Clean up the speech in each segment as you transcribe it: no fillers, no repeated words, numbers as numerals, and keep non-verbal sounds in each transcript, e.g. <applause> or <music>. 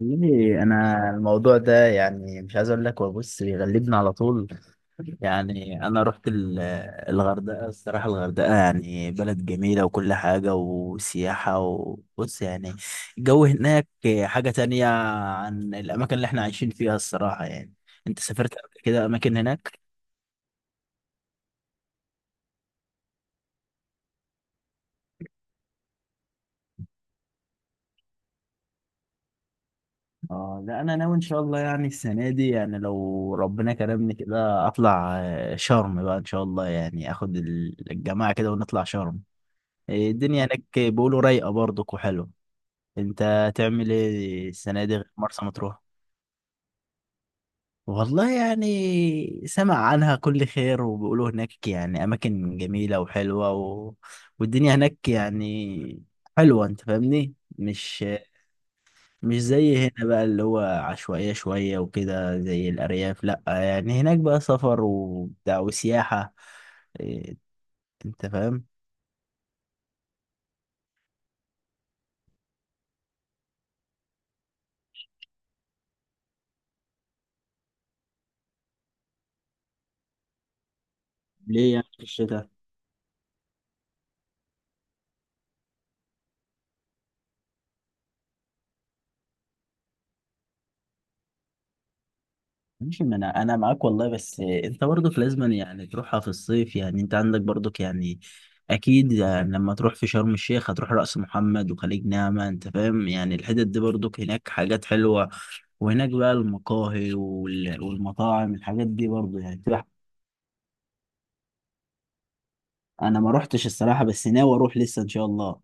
والله انا الموضوع ده يعني مش عايز اقول لك، هو بص بيغلبني على طول. يعني انا رحت الغردقه، الصراحه الغردقه يعني بلد جميله وكل حاجه وسياحه، وبص يعني الجو هناك حاجه تانية عن الاماكن اللي احنا عايشين فيها، الصراحه يعني. انت سافرت قبل كده اماكن هناك؟ اه لا، انا ناوي ان شاء الله يعني السنه دي، يعني لو ربنا كرمني كده اطلع شرم بقى ان شاء الله، يعني اخد الجماعه كده ونطلع شرم. إيه، الدنيا هناك بيقولوا رايقة برضك وحلوة. انت هتعمل ايه السنة دي غير مرسى مطروح؟ والله يعني سمع عنها كل خير، وبيقولوا هناك يعني أماكن جميلة وحلوة والدنيا هناك يعني حلوة، انت فاهمني. مش مش زي هنا بقى، اللي هو عشوائية شوية وكده زي الأرياف، لأ يعني هناك بقى سفر وبتاع وسياحة. إيه، انت فاهم. ليه يعني في الشتاء؟ ماشي، ما انا معاك والله، بس انت برضك لازم يعني تروحها في الصيف، يعني انت عندك برضك يعني اكيد، يعني لما تروح في شرم الشيخ هتروح رأس محمد وخليج نعمة، انت فاهم، يعني الحتت دي برضك هناك حاجات حلوة. وهناك بقى المقاهي والمطاعم، الحاجات دي برضه يعني تبقى- انا ما روحتش الصراحة، بس ناوي اروح لسه ان شاء الله.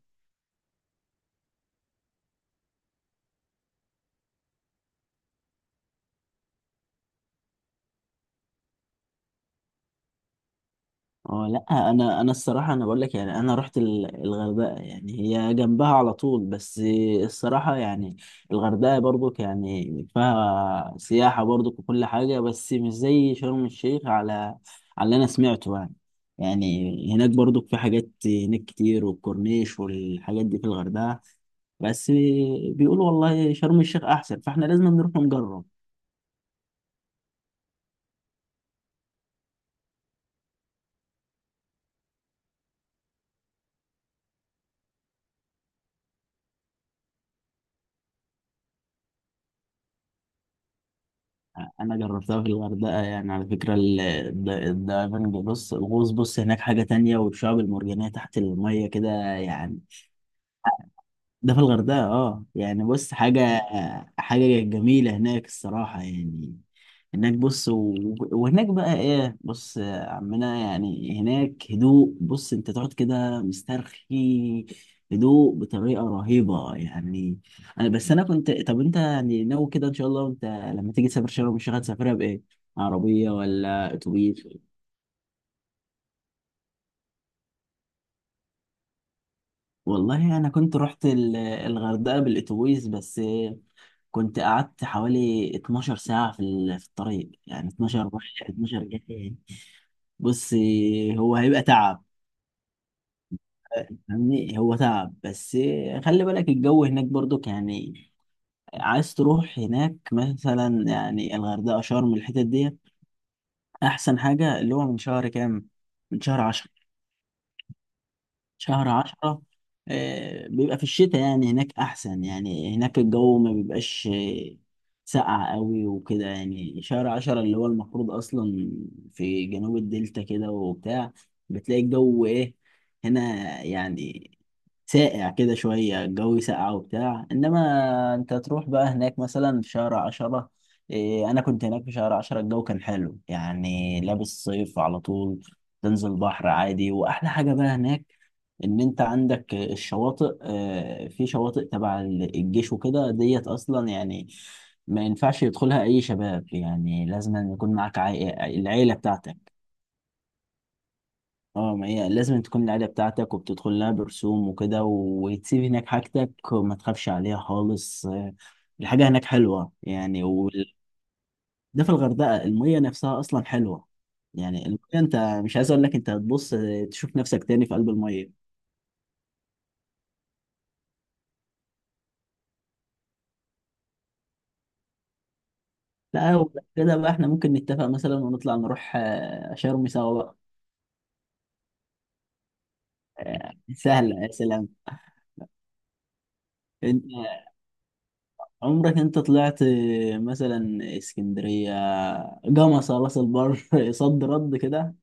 اه لا، انا الصراحه انا بقول لك، يعني انا رحت الغردقه، يعني هي جنبها على طول بس. الصراحه يعني الغردقه برضك يعني فيها سياحه برضك وكل حاجه، بس مش زي شرم الشيخ، على على اللي انا سمعته يعني. يعني هناك برضك في حاجات هناك كتير، والكورنيش والحاجات دي في الغردقه، بس بيقولوا والله شرم الشيخ احسن، فاحنا لازم نروح نجرب. انا جربتها في الغردقه، يعني على فكره، الدايفنج، بص الغوص، بص هناك حاجه تانية، والشعاب المرجانيه تحت الميه كده يعني. ده في الغردقة، اه يعني بص حاجة جميلة هناك الصراحة يعني. هناك بص و... وهناك بقى ايه، بص يا عمنا، يعني هناك هدوء، بص انت تقعد كده مسترخي، هدوء بطريقة رهيبة يعني. انا بس انا كنت، طب انت يعني ناوي كده ان شاء الله؟ انت لما تيجي تسافر شرم الشيخ هتسافرها بايه؟ عربية ولا اتوبيس؟ والله انا كنت رحت الغردقة بالاتوبيس، بس كنت قعدت حوالي 12 ساعة في الطريق، يعني 12 رايح 12 جاي. بص، هو هيبقى تعب. فاهمني، هو تعب بس، خلي بالك الجو هناك برضو يعني. عايز تروح هناك مثلا، يعني الغردقة شرم الحتت دي، أحسن حاجة اللي هو من شهر كام؟ من شهر 10، شهر عشرة. آه، بيبقى في الشتاء يعني هناك أحسن، يعني هناك الجو ما بيبقاش ساقع قوي وكده، يعني شهر عشرة اللي هو المفروض أصلا في جنوب الدلتا كده وبتاع، بتلاقي الجو إيه هنا يعني ساقع كده شوية، الجو ساقع وبتاع، إنما أنت تروح بقى هناك مثلا في شهر عشرة، إيه، أنا كنت هناك في شهر عشرة، الجو كان حلو، يعني لابس صيف على طول، تنزل بحر عادي. وأحلى حاجة بقى هناك، ان انت عندك الشواطئ، في شواطئ تبع الجيش وكده ديت اصلا، يعني ما ينفعش يدخلها اي شباب، يعني لازم أن يكون معاك عائلة، العيلة بتاعتك. اه، ما هي لازم تكون العيلة بتاعتك، وبتدخل لها برسوم وكده، وتسيب هناك حاجتك وما تخافش عليها خالص. الحاجة هناك حلوة يعني، ده في الغردقة، المية نفسها اصلا حلوة يعني. المية انت مش عايز اقول لك، انت هتبص تشوف نفسك تاني في قلب المية. لا، هو كده بقى، احنا ممكن نتفق مثلا ونطلع نروح شرم سوا بقى. آه، سهلة يا سلام. انت عمرك انت طلعت، مثلا اسكندرية، جمصة، راس البر <laughs> صد رد كده؟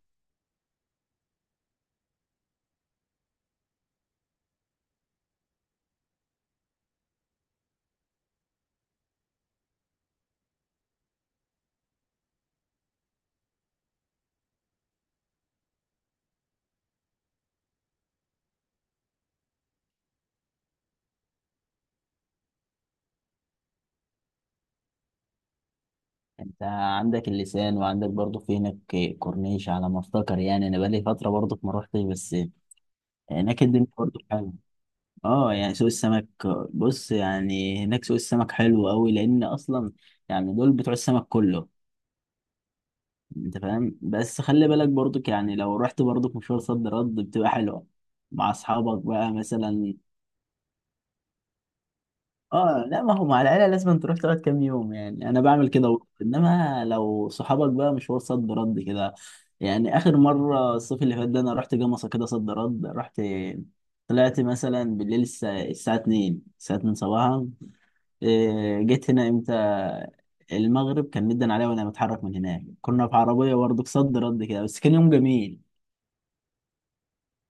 انت عندك اللسان، وعندك برضه في هناك كورنيش على ما افتكر، يعني انا بقالي فترة برضه ما روحتش، بس هناك الدنيا برضه حلوة. اه يعني سوق السمك، بص يعني هناك سوق السمك حلو قوي، لان اصلا يعني دول بتوع السمك كله، انت فاهم. بس خلي بالك برضك، يعني لو رحت برضك مشوار صد رد بتبقى حلوة مع اصحابك بقى مثلا. اه لا، ما هو مع العيلة لازم تروح تقعد كام يوم، يعني انا بعمل كده برضه. انما لو صحابك بقى مشوار صد رد كده يعني، اخر مرة الصيف اللي فات ده انا رحت جمصة كده صد رد، رحت طلعت مثلا بالليل، الساعة 2، الساعة 2 صباحا. إيه، جيت هنا امتى؟ المغرب كان مدن عليا وانا متحرك من هناك، كنا في عربية برضه صد رد كده، بس كان يوم جميل.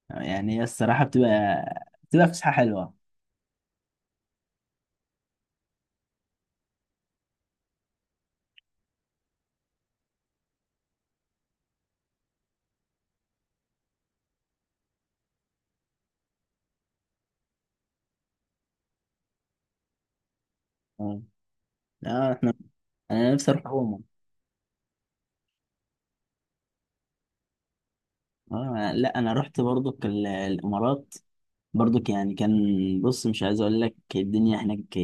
يعني هي الصراحة بتبقى فسحة حلوة. اه، آه، احنا انا نفسي اروح عموما. اه لا، انا رحت برضك الامارات برضك، يعني كان بص مش عايز اقول لك، الدنيا هناك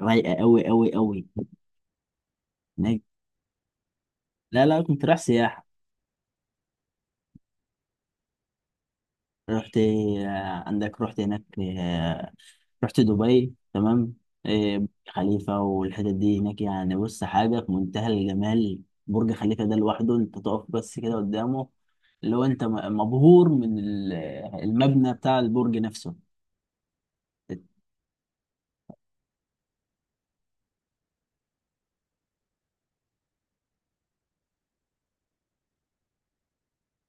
رايقة قوي قوي قوي. هناك لا لا، كنت رايح سياحة. رحت، عندك رحت هناك، آه، رحت دبي تمام. آه، برج خليفة والحتت دي هناك، يعني بص حاجة في منتهى الجمال. برج خليفة ده لوحده، انت تقف بس كده قدامه، اللي هو انت مبهور من المبنى بتاع البرج نفسه.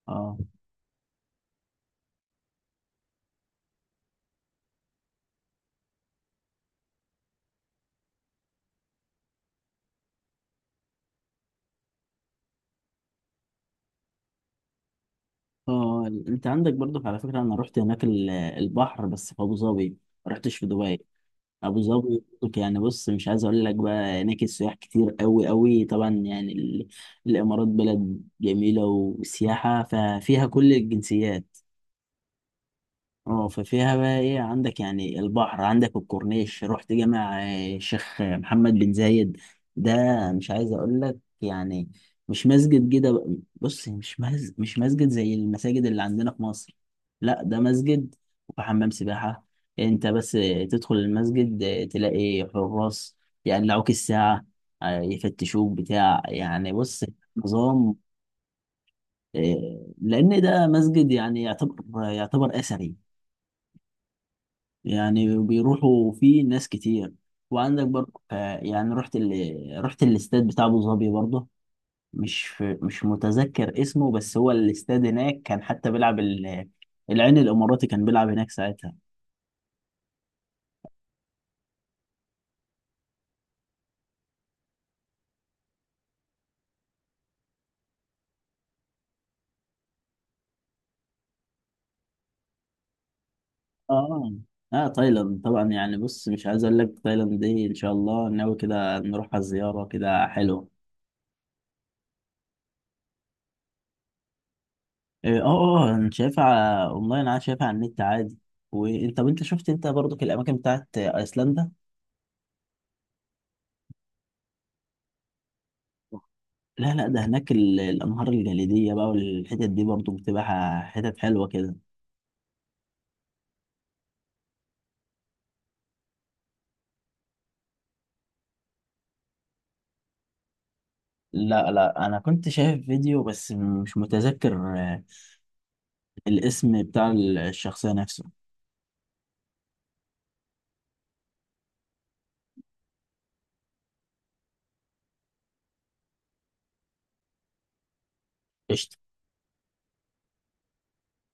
اه اه، انت عندك برضو، على فكرة انا رحت هناك البحر بس في ابو ظبي، ما رحتش في دبي. ابو ظبي برضو يعني، بص مش عايز اقول لك، بقى هناك السياح كتير قوي قوي، طبعا يعني الامارات بلد جميلة وسياحة، ففيها كل الجنسيات. اه، ففيها بقى ايه، عندك يعني البحر، عندك الكورنيش، رحت جامع الشيخ محمد بن زايد ده، مش عايز اقول لك يعني مش مسجد كده بقى- بص مش مسجد زي المساجد اللي عندنا في مصر، لا ده مسجد وحمام سباحة. انت بس تدخل المسجد، تلاقي حراس يقلعوك الساعة، يفتشوك بتاع، يعني بص نظام. آه، لان ده مسجد، يعني يعتبر اثري، يعني بيروحوا فيه ناس كتير. وعندك برضه ف- يعني رحت الاستاد بتاع ابو ظبي برضه. مش متذكر اسمه، بس هو الاستاد هناك كان حتى بيلعب. العين الاماراتي كان بيلعب هناك ساعتها. اه اه، تايلاند طبعا يعني، بص مش عايز اقول لك، تايلاند دي ان شاء الله ناوي كده نروح على الزياره كده، حلو. اه اه، انا شايفها اونلاين، انا شايفها على النت عادي. وانت، طب انت شفت انت برضك الاماكن بتاعت ايسلندا؟ لا لا، ده هناك الأنهار الجليدية بقى، والحتت دي برضو بتبقى حتت حلوة كده. لا لا، أنا كنت شايف فيديو، بس مش متذكر الاسم بتاع الشخصية نفسه. قشطة.